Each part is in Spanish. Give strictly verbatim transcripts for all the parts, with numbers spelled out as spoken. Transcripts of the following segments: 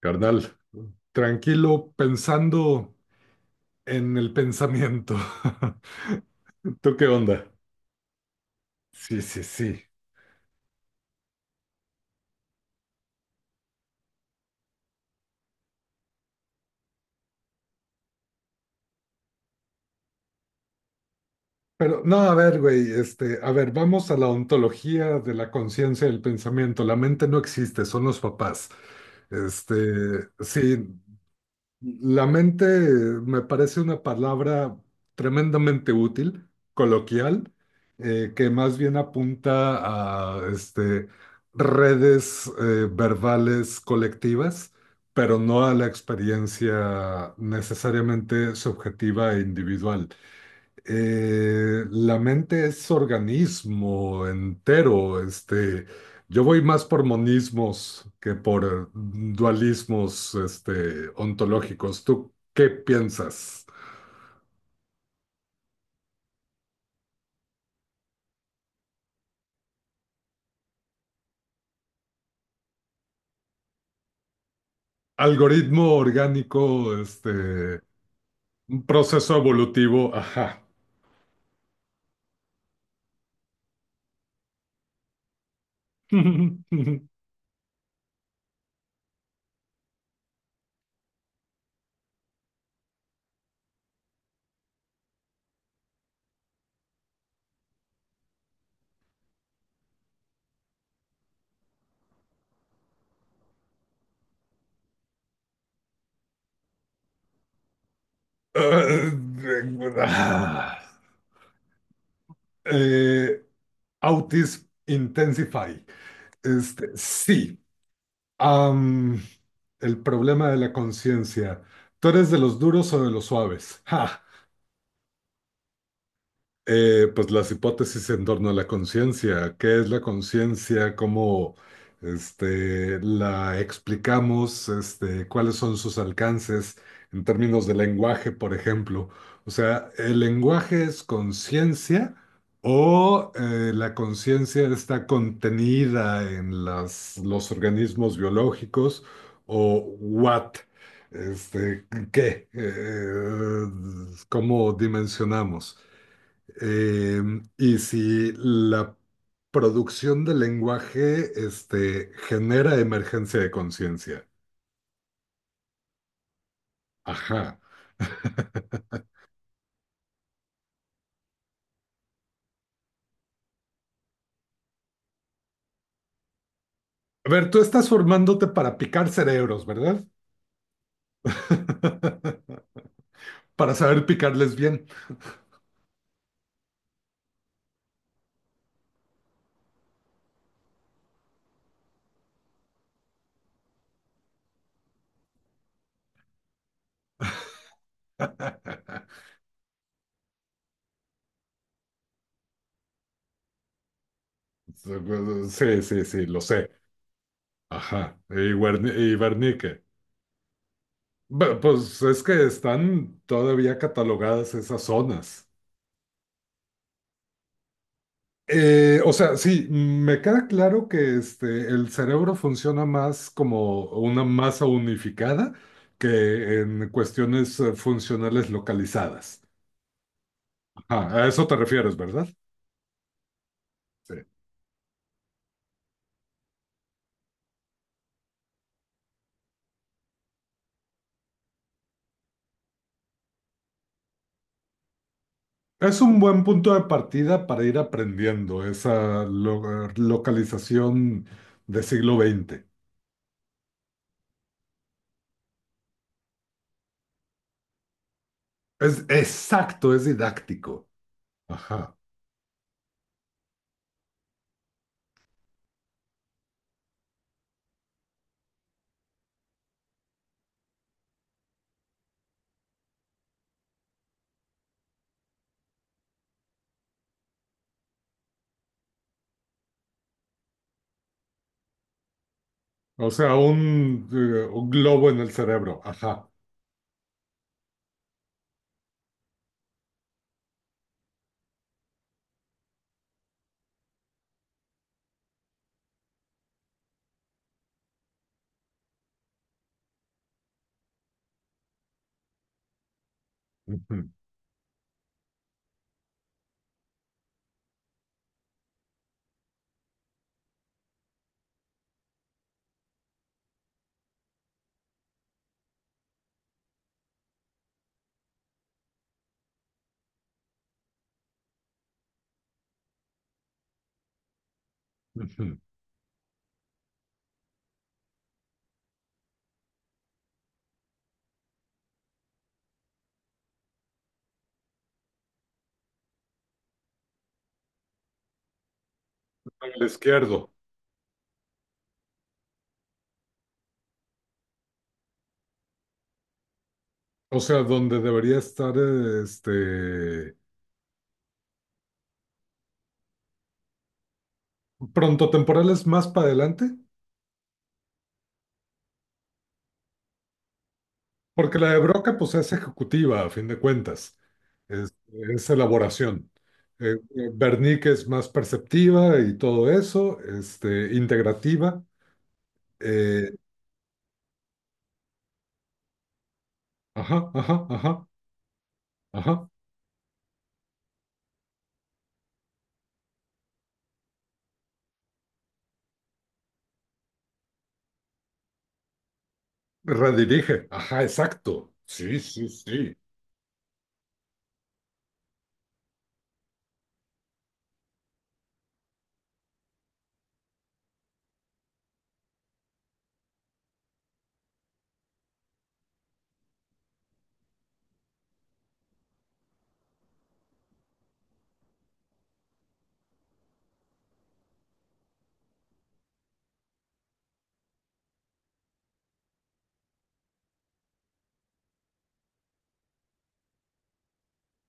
Carnal, tranquilo pensando en el pensamiento. ¿Tú qué onda? Sí, sí, sí. Pero no, a ver, güey, este, a ver, vamos a la ontología de la conciencia del pensamiento. La mente no existe, son los papás. Este, sí, La mente me parece una palabra tremendamente útil, coloquial, eh, que más bien apunta a este, redes eh, verbales colectivas, pero no a la experiencia necesariamente subjetiva e individual. Eh, la mente es organismo entero. Este, yo voy más por monismos que por eh, dualismos, este, ontológicos. ¿Tú qué piensas? Algoritmo orgánico, este, un proceso evolutivo, ajá. Eh, Ah, eh, Autis Intensify. Este, sí. Am, el problema de la conciencia. ¿Tú eres de los duros o de los suaves? ¡Ja! Eh, pues las hipótesis en torno a la conciencia. ¿Qué es la conciencia? ¿Cómo este, la explicamos? Este, ¿cuáles son sus alcances en términos de lenguaje, por ejemplo? O sea, ¿el lenguaje es conciencia o eh, la conciencia está contenida en las, los organismos biológicos o what? Este, ¿qué? Eh, ¿cómo dimensionamos? Eh, y si la producción del lenguaje, este, genera emergencia de conciencia. Ajá. A ver, tú estás formándote para picar cerebros, ¿verdad? Para saber picarles bien. Sí, sí, sí, lo sé. Ajá. Y, Guerni- y Bernique. Bu- Pues es que están todavía catalogadas esas zonas. Eh, o sea, sí, me queda claro que este, el cerebro funciona más como una masa unificada que en cuestiones eh, funcionales localizadas. Ajá, a eso te refieres, ¿verdad? Sí. Es un buen punto de partida para ir aprendiendo esa lo- localización de siglo veinte. Es exacto, es didáctico. Ajá. O sea, un, eh, un globo en el cerebro. Ajá. Ujú, ujú. El izquierdo. O sea, donde debería estar este pronto temporales más para adelante, porque la de Broca pues es ejecutiva a fin de cuentas, es, es elaboración. Eh, eh, Bernique es más perceptiva y todo eso, este, integrativa. eh, ajá, ajá, ajá, ajá. Redirige, ajá, exacto. Sí, sí, sí,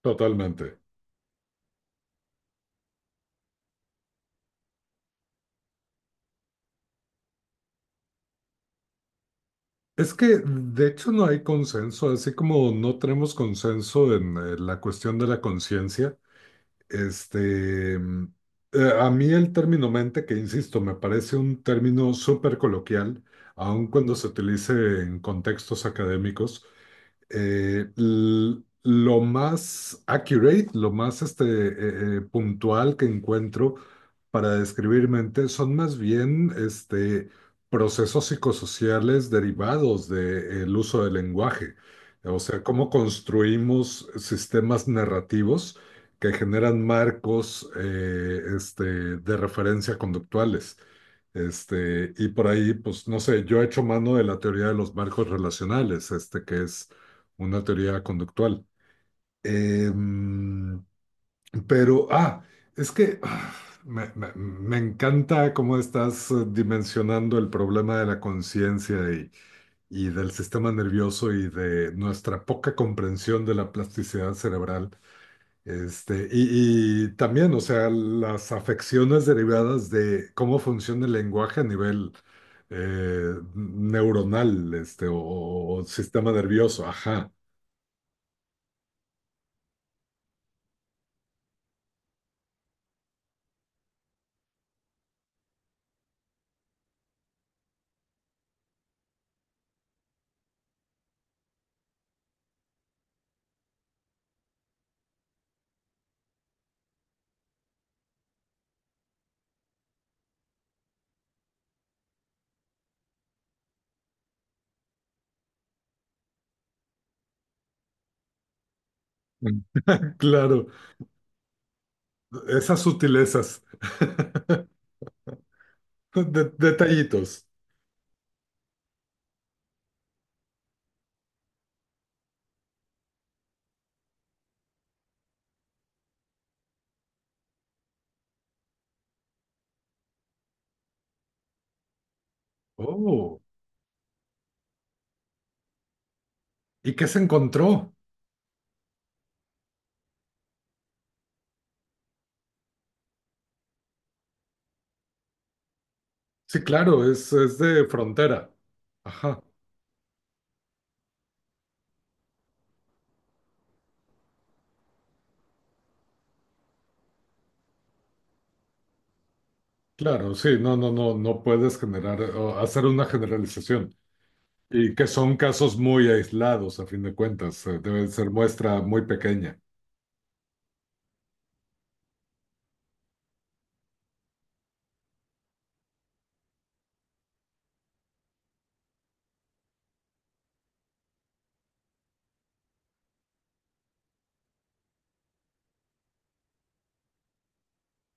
totalmente. Es que de hecho no hay consenso, así como no tenemos consenso en eh, la cuestión de la conciencia. Este, mm, eh, a mí el término mente, que insisto, me parece un término súper coloquial, aun cuando se utilice en contextos académicos. Eh, l- lo más accurate, lo más este, eh, eh, puntual que encuentro para describir mente son más bien este, procesos psicosociales derivados del uso del lenguaje. O sea, cómo construimos sistemas narrativos que generan marcos eh, este, de referencia conductuales. Este, y por ahí, pues no sé, yo he hecho mano de la teoría de los marcos relacionales, este, que es una teoría conductual. Em, pero, ah, es que ah, me, me- me encanta cómo estás eh, dimensionando el problema de la conciencia y, y del sistema nervioso y de nuestra poca comprensión de la plasticidad cerebral. Este, y, y también, o sea, las afecciones derivadas de cómo funciona el lenguaje a nivel eh, neuronal, este, o, o- o sistema nervioso, ajá. Mm. Claro. Esas sutilezas. De- detallitos. Oh, ¿y qué se encontró? Sí, claro, es, es de frontera. Ajá, claro, sí, no, no, no, no puedes generar o hacer una generalización. Y que son casos muy aislados, a fin de cuentas, eh, debe ser muestra muy pequeña.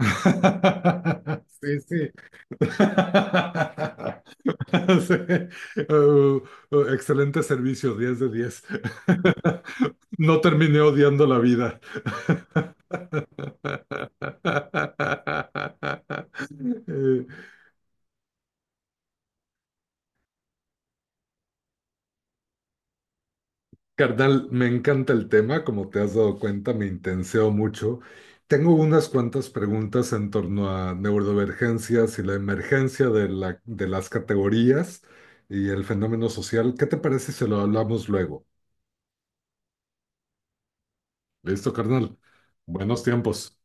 Sí, sí. Sí. Uh, uh, Excelente servicio, diez de diez. No terminé odiando la vida. Eh, Carnal, me encanta el tema, como te has dado cuenta, me intenseo mucho. Tengo unas cuantas preguntas en torno a neurodivergencias y la emergencia de la- de las categorías y el fenómeno social. ¿Qué te parece si lo hablamos luego? ¿Listo, carnal? Buenos tiempos.